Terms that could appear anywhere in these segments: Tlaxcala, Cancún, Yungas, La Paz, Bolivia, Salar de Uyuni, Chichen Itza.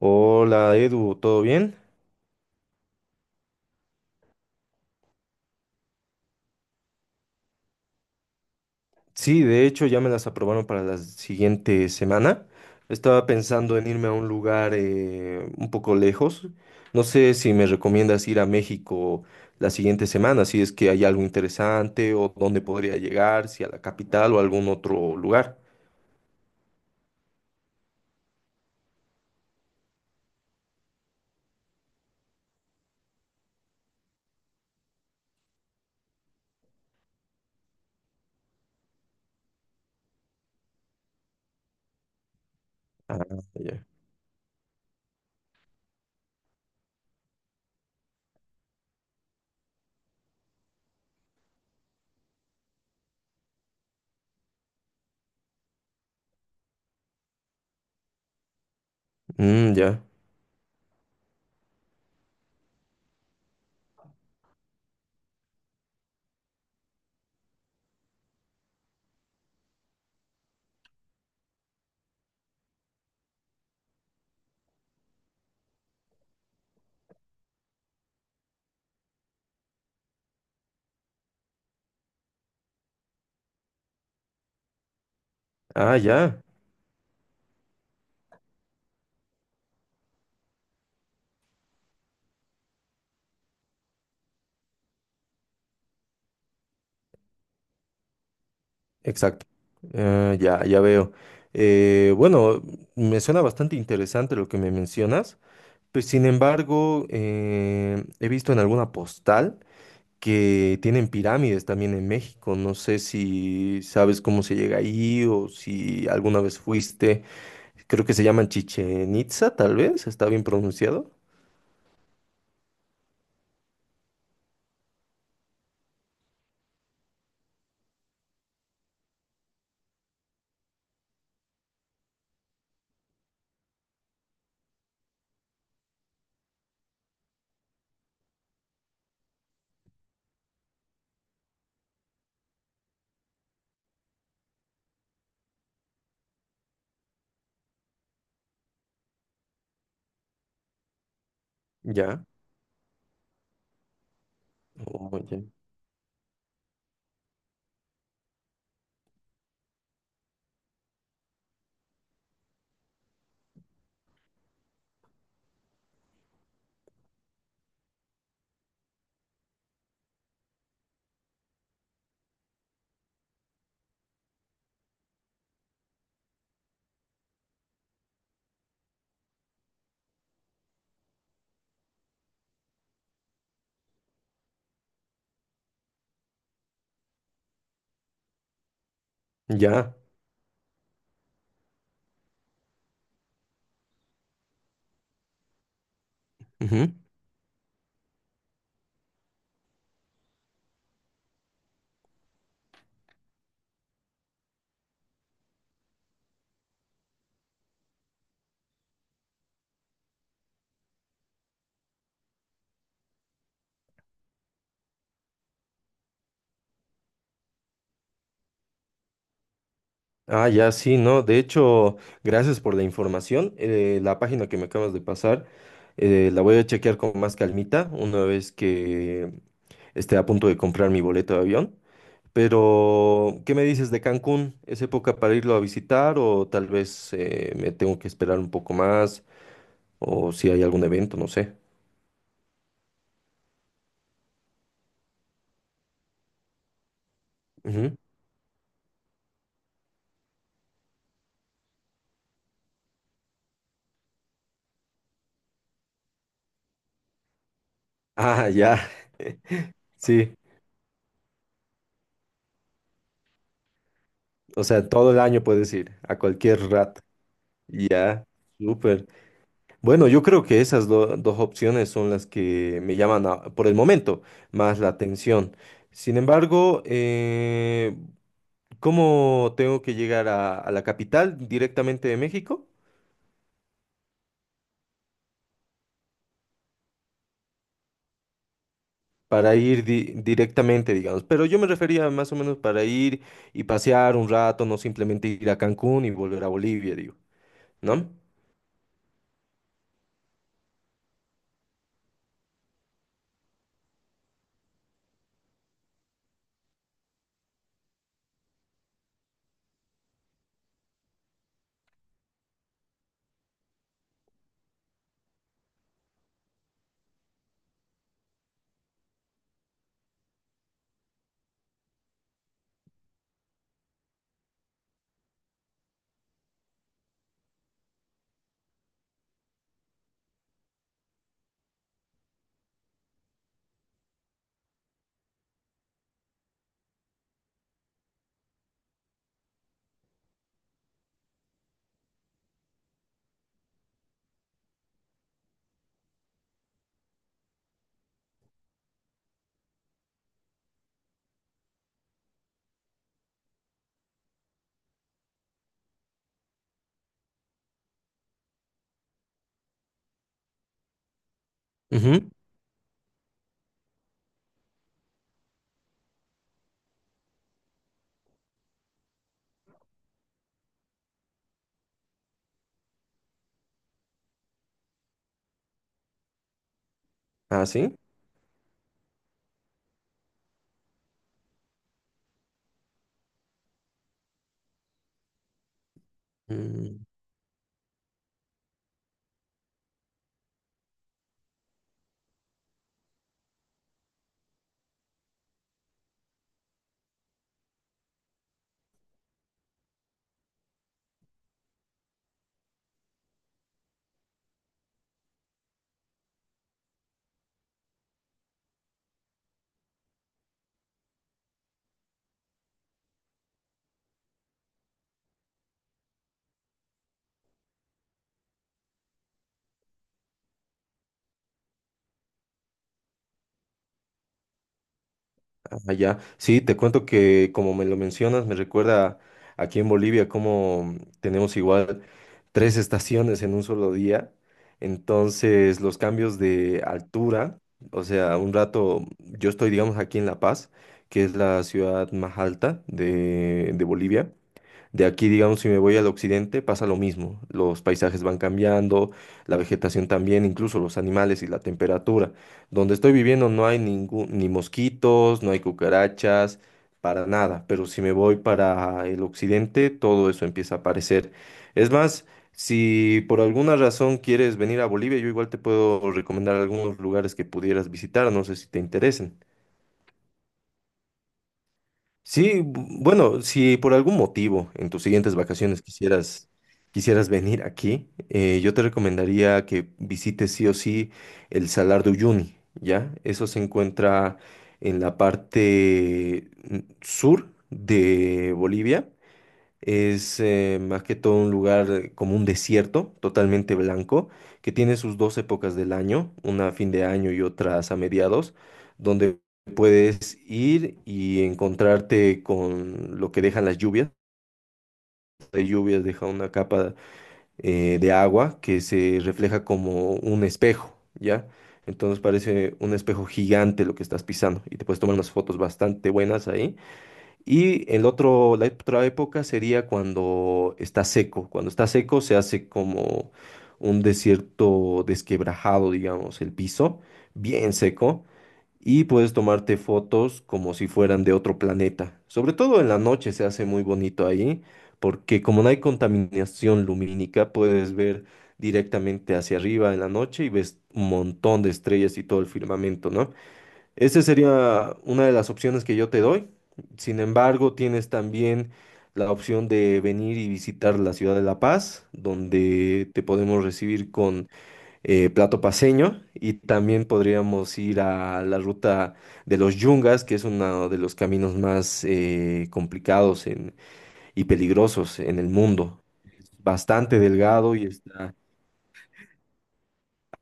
Hola Edu, ¿todo bien? Sí, de hecho ya me las aprobaron para la siguiente semana. Estaba pensando en irme a un lugar un poco lejos. No sé si me recomiendas ir a México la siguiente semana, si es que hay algo interesante o dónde podría llegar, si a la capital o a algún otro lugar. Ah, ya. Mm, ya. Ah, ya. Exacto. Ah, ya, ya veo. Bueno, me suena bastante interesante lo que me mencionas. Pues sin embargo, he visto en alguna postal que tienen pirámides también en México. No sé si sabes cómo se llega ahí o si alguna vez fuiste. Creo que se llaman Chichen Itza, tal vez. ¿Está bien pronunciado? Ya. Oh, ya. Ya. Ujú. Ah, ya, sí, no. De hecho, gracias por la información. La página que me acabas de pasar, la voy a chequear con más calmita una vez que esté a punto de comprar mi boleto de avión. Pero, ¿qué me dices de Cancún? ¿Es época para irlo a visitar o tal vez me tengo que esperar un poco más o si hay algún evento, no sé? Ujú. Ah, ya. Sí, o sea, todo el año puedes ir, a cualquier rato. Ya, súper. Bueno, yo creo que esas dos opciones son las que me llaman por el momento más la atención. Sin embargo, ¿cómo tengo que llegar a la capital directamente de México? Para ir directamente, digamos. Pero yo me refería más o menos para ir y pasear un rato, no simplemente ir a Cancún y volver a Bolivia, digo, ¿no? Ujú. Ah, sí. Mm, ah, ya. Sí, te cuento que como me lo mencionas, me recuerda aquí en Bolivia cómo tenemos igual tres estaciones en un solo día. Entonces, los cambios de altura, o sea, un rato, yo estoy, digamos, aquí en La Paz, que es la ciudad más alta de Bolivia. De aquí, digamos, si me voy al occidente, pasa lo mismo. Los paisajes van cambiando, la vegetación también, incluso los animales y la temperatura. Donde estoy viviendo no hay ningún, ni mosquitos, no hay cucarachas, para nada. Pero si me voy para el occidente, todo eso empieza a aparecer. Es más, si por alguna razón quieres venir a Bolivia, yo igual te puedo recomendar algunos lugares que pudieras visitar, no sé si te interesen. Sí, bueno, si por algún motivo en tus siguientes vacaciones quisieras, quisieras venir aquí, yo te recomendaría que visites sí o sí el Salar de Uyuni, ¿ya? Eso se encuentra en la parte sur de Bolivia es más que todo un lugar como un desierto, totalmente blanco, que tiene sus dos épocas del año, una a fin de año y otras a mediados, donde puedes ir y encontrarte con lo que dejan las lluvias. Las lluvias deja una capa de agua que se refleja como un espejo, ¿ya? Entonces parece un espejo gigante lo que estás pisando y te puedes tomar unas fotos bastante buenas ahí. Y el otro, la otra época sería cuando está seco. Cuando está seco se hace como un desierto desquebrajado, digamos, el piso, bien seco. Y puedes tomarte fotos como si fueran de otro planeta. Sobre todo en la noche se hace muy bonito ahí, porque como no hay contaminación lumínica, puedes ver directamente hacia arriba en la noche y ves un montón de estrellas y todo el firmamento, ¿no? Esa sería una de las opciones que yo te doy. Sin embargo, tienes también la opción de venir y visitar la ciudad de La Paz, donde te podemos recibir con plato paceño y también podríamos ir a la ruta de los Yungas, que es uno de los caminos más complicados y peligrosos en el mundo. Es bastante delgado y está.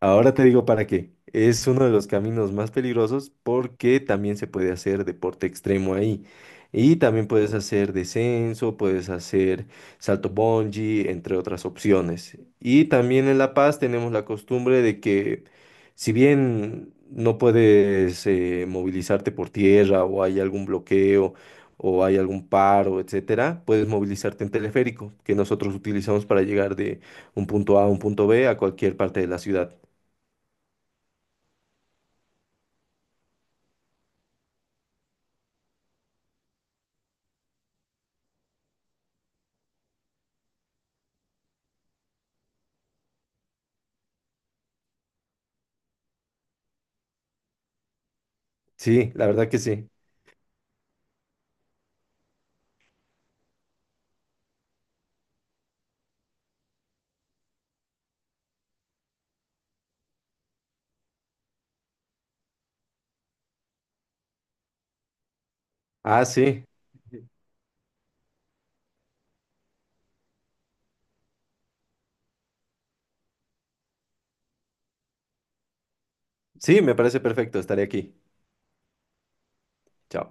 Ahora te digo para qué. Es uno de los caminos más peligrosos porque también se puede hacer deporte extremo ahí. Y también puedes hacer descenso, puedes hacer salto bungee, entre otras opciones. Y también en La Paz tenemos la costumbre de que si bien no puedes movilizarte por tierra o hay algún bloqueo o hay algún paro, etcétera, puedes movilizarte en teleférico, que nosotros utilizamos para llegar de un punto A a un punto B a cualquier parte de la ciudad. Sí, la verdad que sí. Ah, sí. Sí, me parece perfecto. Estaré aquí. Chao.